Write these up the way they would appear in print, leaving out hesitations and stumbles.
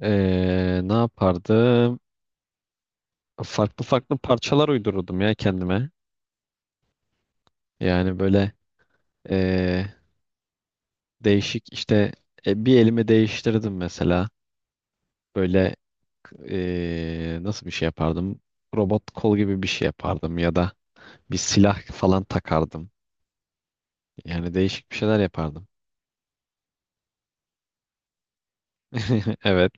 Ne yapardım? Farklı farklı parçalar uydururdum ya kendime. Yani böyle ee, değişik işte bir elimi değiştirdim mesela. Böyle nasıl bir şey yapardım? Robot kol gibi bir şey yapardım ya da bir silah falan takardım. Yani değişik bir şeyler yapardım. Evet.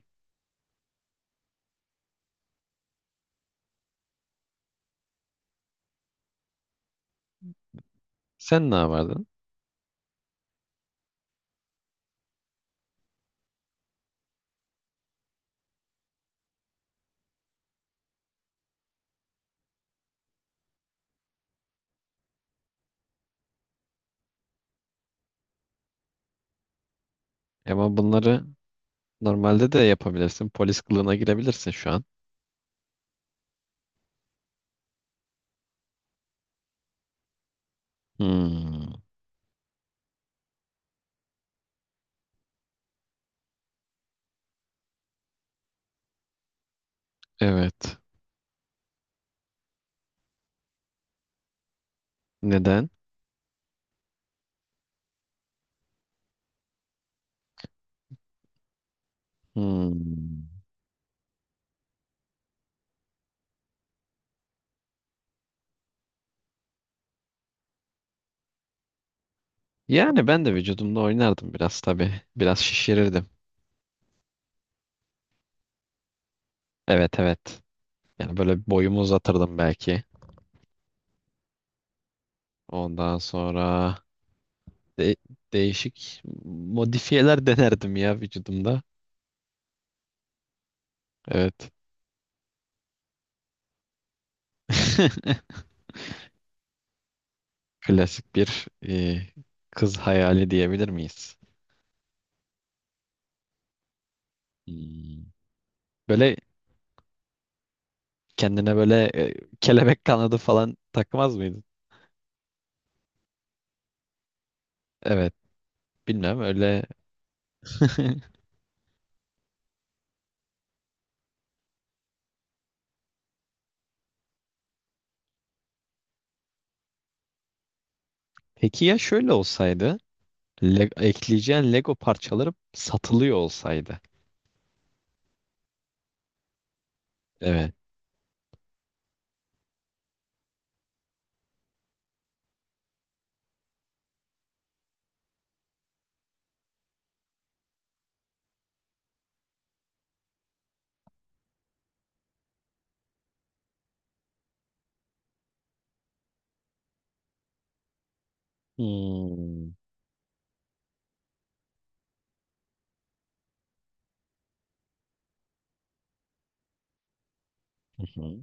Sen ne yapardın? Ama bunları normalde de yapabilirsin. Polis kılığına girebilirsin şu an. Hmm, evet. Neden? Hmm. Yani ben de vücudumda oynardım biraz tabii. Biraz şişirirdim. Evet, evet. Yani böyle boyumu uzatırdım belki. Ondan sonra De- değişik modifiyeler denerdim ya vücudumda. Evet. Klasik bir kız hayali diyebilir miyiz? Hmm. Böyle kendine böyle kelebek kanadı falan takmaz mıydın? Evet. Bilmem öyle. Peki ya şöyle olsaydı? Le ekleyeceğin Lego parçaları satılıyor olsaydı. Evet. Hmm. Hı hı.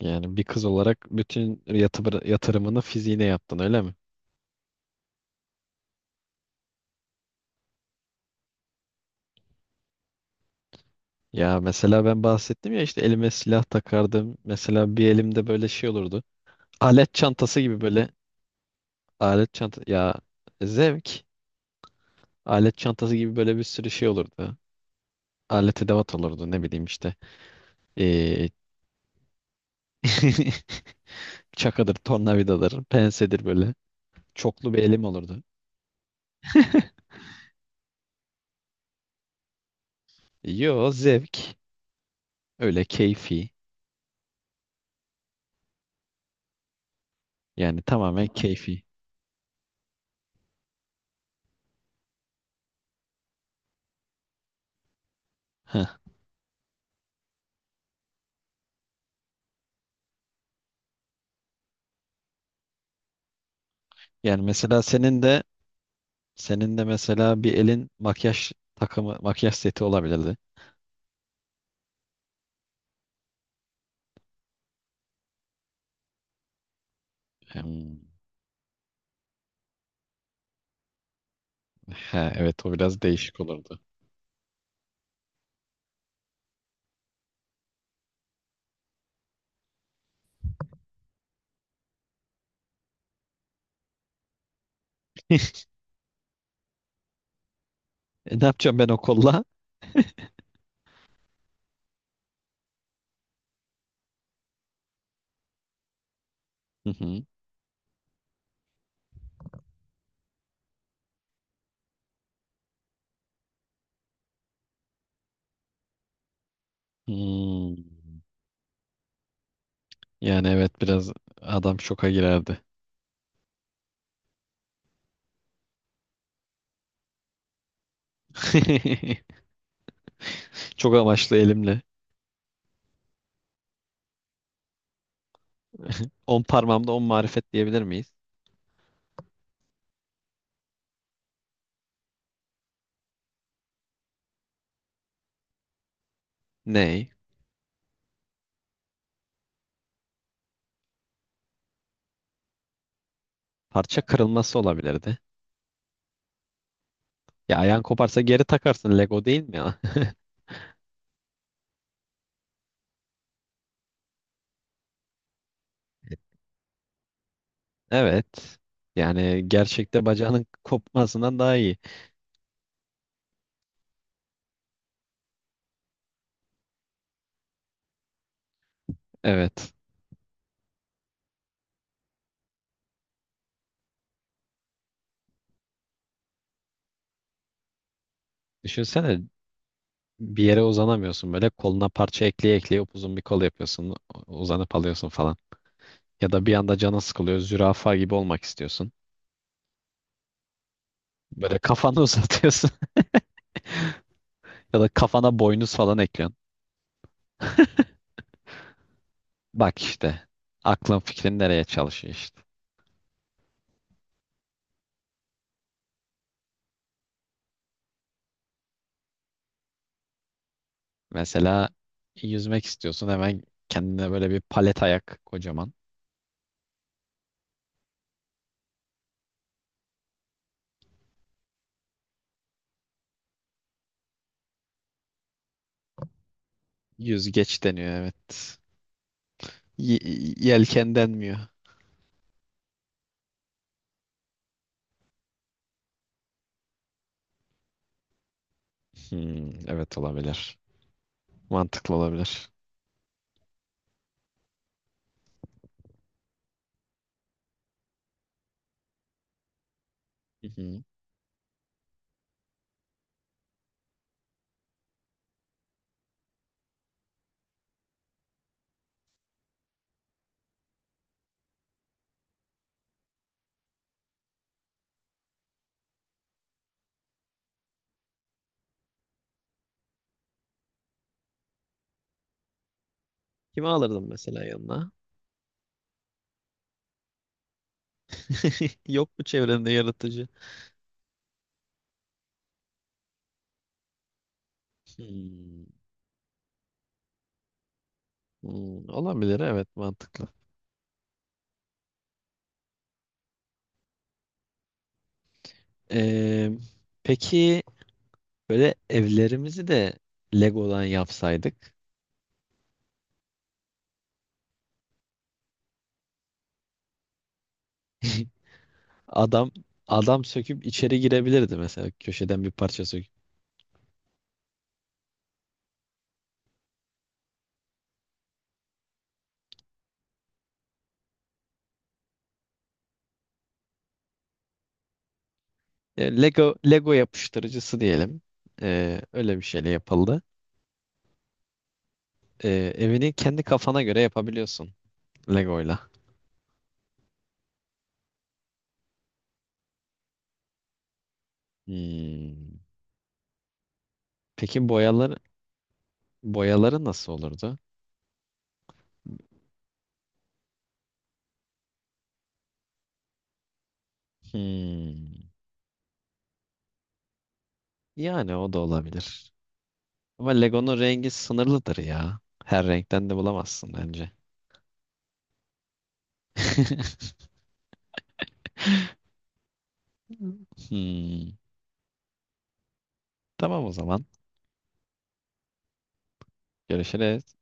Yani bir kız olarak bütün yatırımını fiziğine yaptın öyle mi? Ya mesela ben bahsettim ya işte elime silah takardım. Mesela bir elimde böyle şey olurdu. Alet çantası gibi böyle alet çanta ya zevk. Alet çantası gibi böyle bir sürü şey olurdu. Alet edevat olurdu ne bileyim işte. Ee, çakadır, tornavidadır, pensedir böyle. Çoklu bir elim olurdu. Yo, zevk. Öyle keyfi. Yani tamamen keyfi. Heh. Yani mesela senin de mesela bir elin makyaj takımı, makyaj seti olabilirdi. Hmm. He, evet o biraz değişik olurdu. E, ne yapacağım ben o kolla? Hı hı. Hmm. Yani evet biraz adam şoka girerdi. Çok amaçlı elimle. On parmağımda on marifet diyebilir miyiz? Ney? Parça kırılması olabilirdi. Ya ayağın koparsa geri takarsın Lego değil mi ya? Evet. Yani gerçekte bacağının kopmasından daha iyi. Evet. Düşünsene bir yere uzanamıyorsun böyle koluna parça ekleye ekleye upuzun bir kol yapıyorsun. Uzanıp alıyorsun falan. Ya da bir anda canın sıkılıyor. Zürafa gibi olmak istiyorsun. Böyle kafanı uzatıyorsun. Ya da kafana boynuz falan ekliyorsun. Bak işte. Aklın fikrin nereye çalışıyor işte. Mesela yüzmek istiyorsun. Hemen kendine böyle bir palet ayak kocaman. Yüzgeç deniyor, evet. Y yelken denmiyor. Hmm, evet olabilir. Mantıklı olabilir. Hı hı. Kimi alırdım mesela yanına? Yok mu çevrende yaratıcı? Hmm, hmm, olabilir evet, mantıklı. Ee, peki böyle evlerimizi de Lego'dan yapsaydık adam adam söküp içeri girebilirdi mesela köşeden bir parça söküp. E, Lego yapıştırıcısı diyelim. Öyle bir şeyle yapıldı. Ee, evini kendi kafana göre yapabiliyorsun Lego'yla. Hmm. Peki boyaları nasıl olurdu? Hmm. Yani o da olabilir. Ama Lego'nun rengi sınırlıdır ya. Her renkten de bulamazsın bence. Hmm. Tamam o zaman. Görüşürüz.